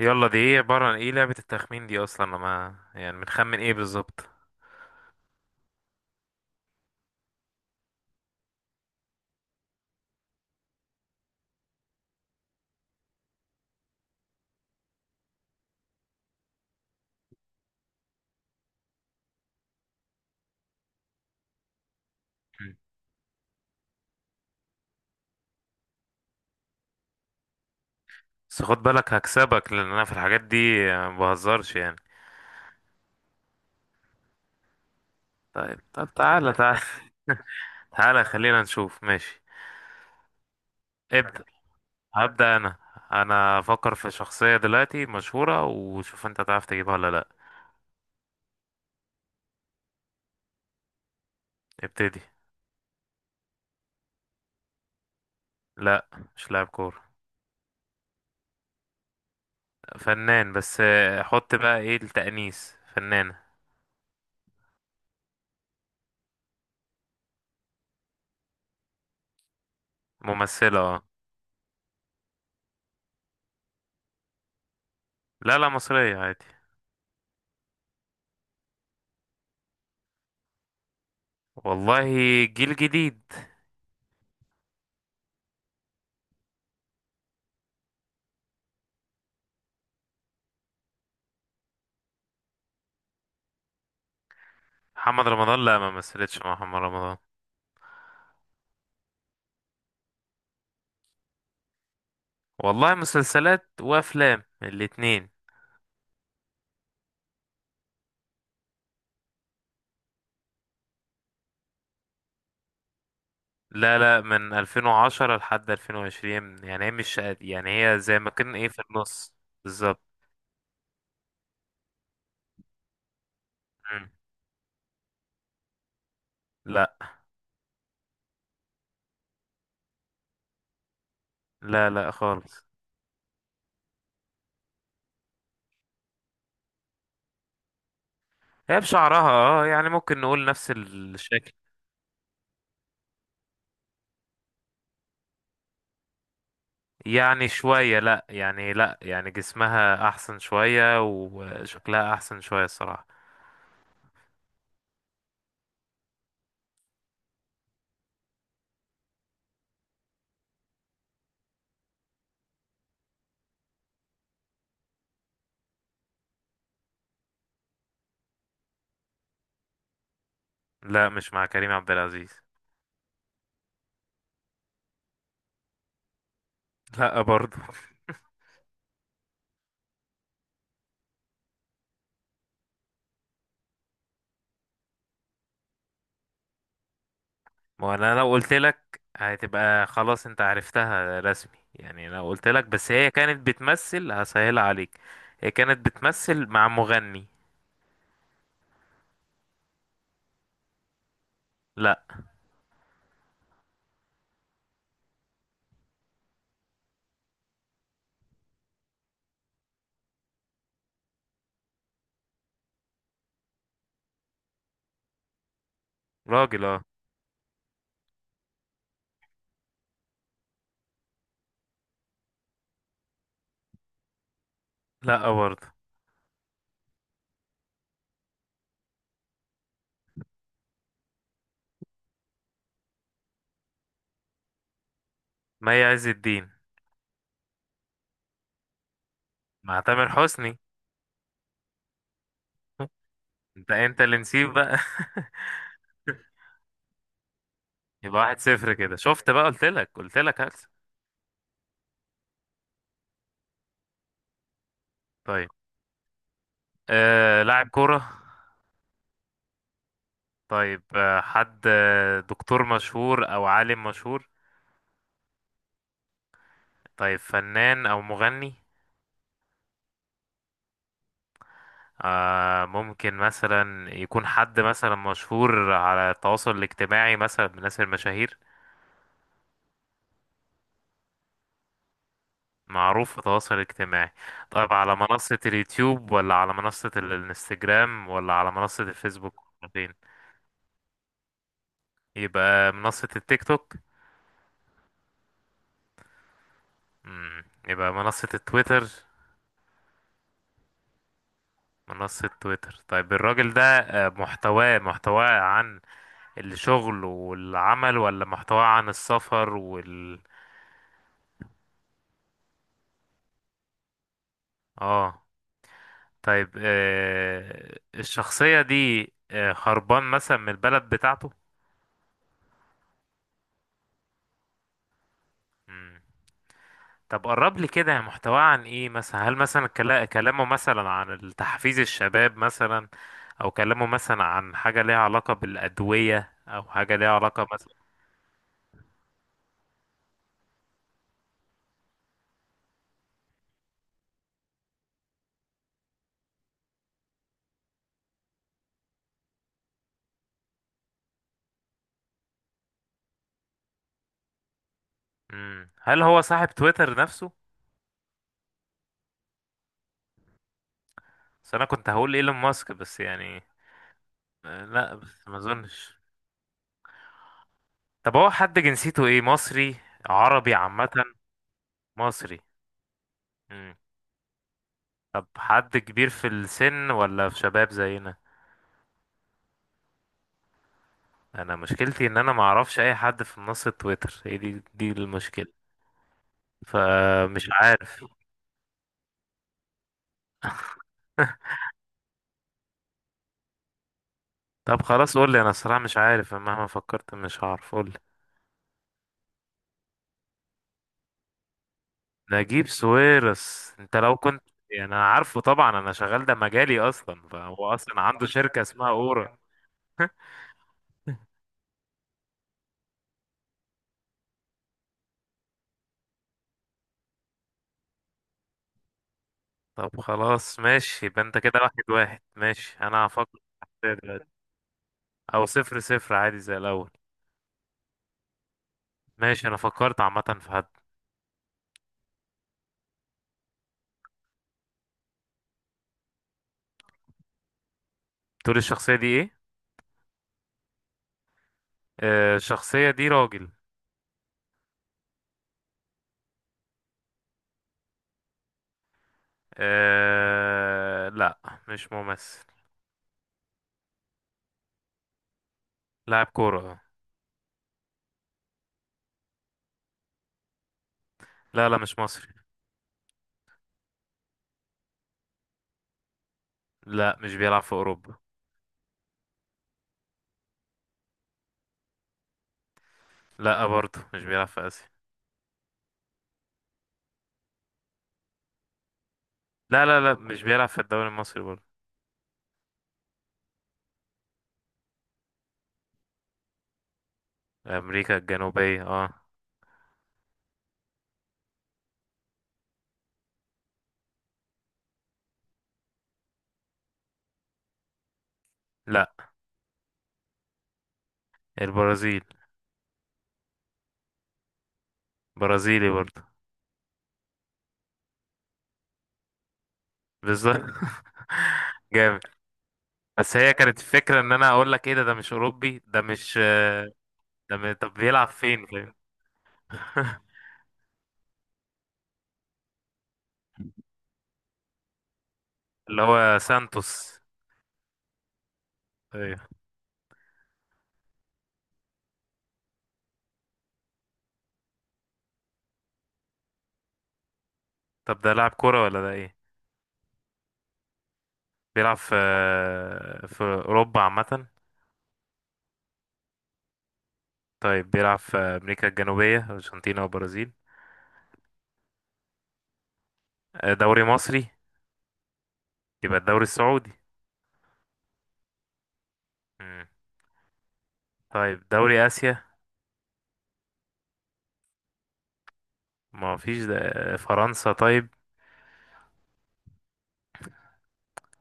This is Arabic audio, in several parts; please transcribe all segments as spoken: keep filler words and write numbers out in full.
يلا دي ايه عبارة عن ايه لعبة التخمين دي اصلا لما يعني بنخمن ايه بالظبط. مم. بس خد بالك هكسبك لان انا في الحاجات دي ما بهزرش يعني. طيب طب تعالى تعالى. تعالى خلينا نشوف ماشي. ابدأ، هبدأ انا. انا افكر في شخصية دلوقتي مشهورة وشوف انت تعرف تجيبها ولا لا. ابتدي. لا، مش لاعب كورة. فنان بس آه، حط بقى ايه التأنيث فنانة. ممثلة اه. لا لا، مصرية عادي. والله جيل جديد. محمد رمضان، لا ما مثلتش مع محمد رمضان. والله مسلسلات وافلام الاتنين. لا لا، من ألفين وعشرة لحد ألفين وعشرين، يعني هي مش قد- يعني هي زي ما كان ايه في النص. بالظبط. مم. لا لا لا خالص. هي بشعرها اه، يعني ممكن نقول نفس الشكل. يعني شوية، لا يعني لا يعني جسمها احسن شوية وشكلها احسن شوية الصراحة. لا، مش مع كريم عبد العزيز. لا برضه. ما هو انا لو قلت لك هتبقى خلاص انت عرفتها رسمي، يعني لو قلت لك بس هي كانت بتمثل هسهلها عليك. هي كانت بتمثل مع مغني. لا. راجل اه. لا برضه. مي عز الدين. مع تامر حسني. انت انت اللي نسيب بقى. يبقى واحد صفر كده، شفت بقى؟ قلت لك قلت لك هكسب. طيب آه لاعب كورة؟ طيب آه حد آه، دكتور مشهور او عالم مشهور؟ طيب فنان او مغني؟ آه ممكن مثلا يكون حد مثلا مشهور على التواصل الاجتماعي، مثلا من الناس المشاهير. معروف في التواصل الاجتماعي. طيب على منصة اليوتيوب، ولا على منصة ال- الانستجرام، ولا على منصة الفيسبوك، ولا فين؟ يبقى منصة التيك توك. مم. يبقى منصة التويتر. منصة تويتر. طيب الراجل ده آه، محتواه، محتواه عن الشغل والعمل، ولا محتواه عن السفر وال اه. طيب آه، الشخصية دي آه، هربان مثلا من البلد بتاعته؟ مم. طب قرب لي كده محتواه عن ايه، مثلا هل مثلا كلا- كلامه مثلا عن تحفيز الشباب مثلا، او كلامه مثلا عن حاجة ليها علاقة بالأدوية، او حاجة ليها علاقة مثلا. مم. هل هو صاحب تويتر نفسه؟ بس انا كنت هقول ايلون ماسك بس يعني. آه لا بس ما اظنش. طب هو حد جنسيته ايه؟ مصري، عربي عامة؟ مصري. طب حد كبير في السن ولا في شباب زينا؟ انا مشكلتي ان انا ما اعرفش اي حد في منصة تويتر، هي دي دي المشكلة. فمش عارف. طب خلاص قول لي، انا الصراحة مش عارف أنا، مهما فكرت مش هعرف، قول لي. نجيب ساويرس؟ انت لو كنت يعني انا عارفه طبعا، انا شغال ده مجالي اصلا، فهو اصلا عنده شركة اسمها اورا. طب خلاص ماشي، يبقى انت كده واحد واحد. ماشي انا هفكر في حد دلوقتي. او صفر صفر عادي زي الاول. ماشي انا فكرت عامة في حد. تقول الشخصية دي ايه؟ آه، الشخصية دي راجل. آه، لا، مش ممثل. لاعب كورة آه. لا لا، مش مصري. لا مش بيلعب في أوروبا. لا برضه مش بيلعب في آسيا. لا لا لا، مش بيلعب في الدوري المصري برضه. أمريكا الجنوبية اه. لا، البرازيل. برازيلي برضه. بالظبط. جامد. بس هي كانت الفكرة ان انا اقول لك ايه، ده ده مش اوروبي، ده مش ده م... طب بيلعب فين؟ فاهم؟ اللي هو سانتوس. ايوه. طب ده لاعب كورة ولا ده ايه؟ بيلعب في في أوروبا عامة؟ طيب بيلعب في أمريكا الجنوبية، أرجنتينا وبرازيل؟ آه، دوري مصري؟ يبقى الدوري السعودي. مم. طيب دوري آسيا؟ ما فيش ده- آه، فرنسا طيب؟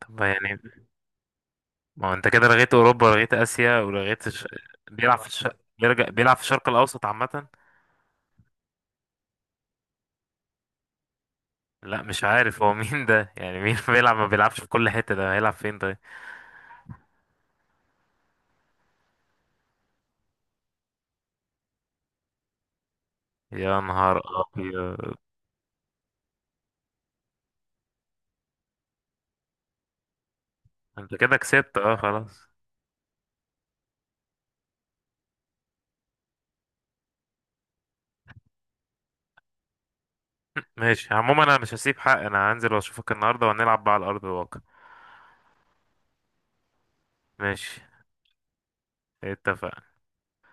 طب يعني ما هو أنت كده لغيت أوروبا ولغيت آسيا ولغيت الش... بيلعب في الش... بيرجع بيلعب في الشرق الأوسط عامة؟ لا، مش عارف هو مين ده، يعني مين بيلعب؟ ما بيلعبش في كل حتة، ده هيلعب فين طيب؟ يا نهار أبيض. أنت كده كسبت، أه خلاص. ماشي عموما انا مش هسيب حق، انا هنزل واشوفك النهارده وهنلعب بقى على ارض الواقع. ماشي اتفق.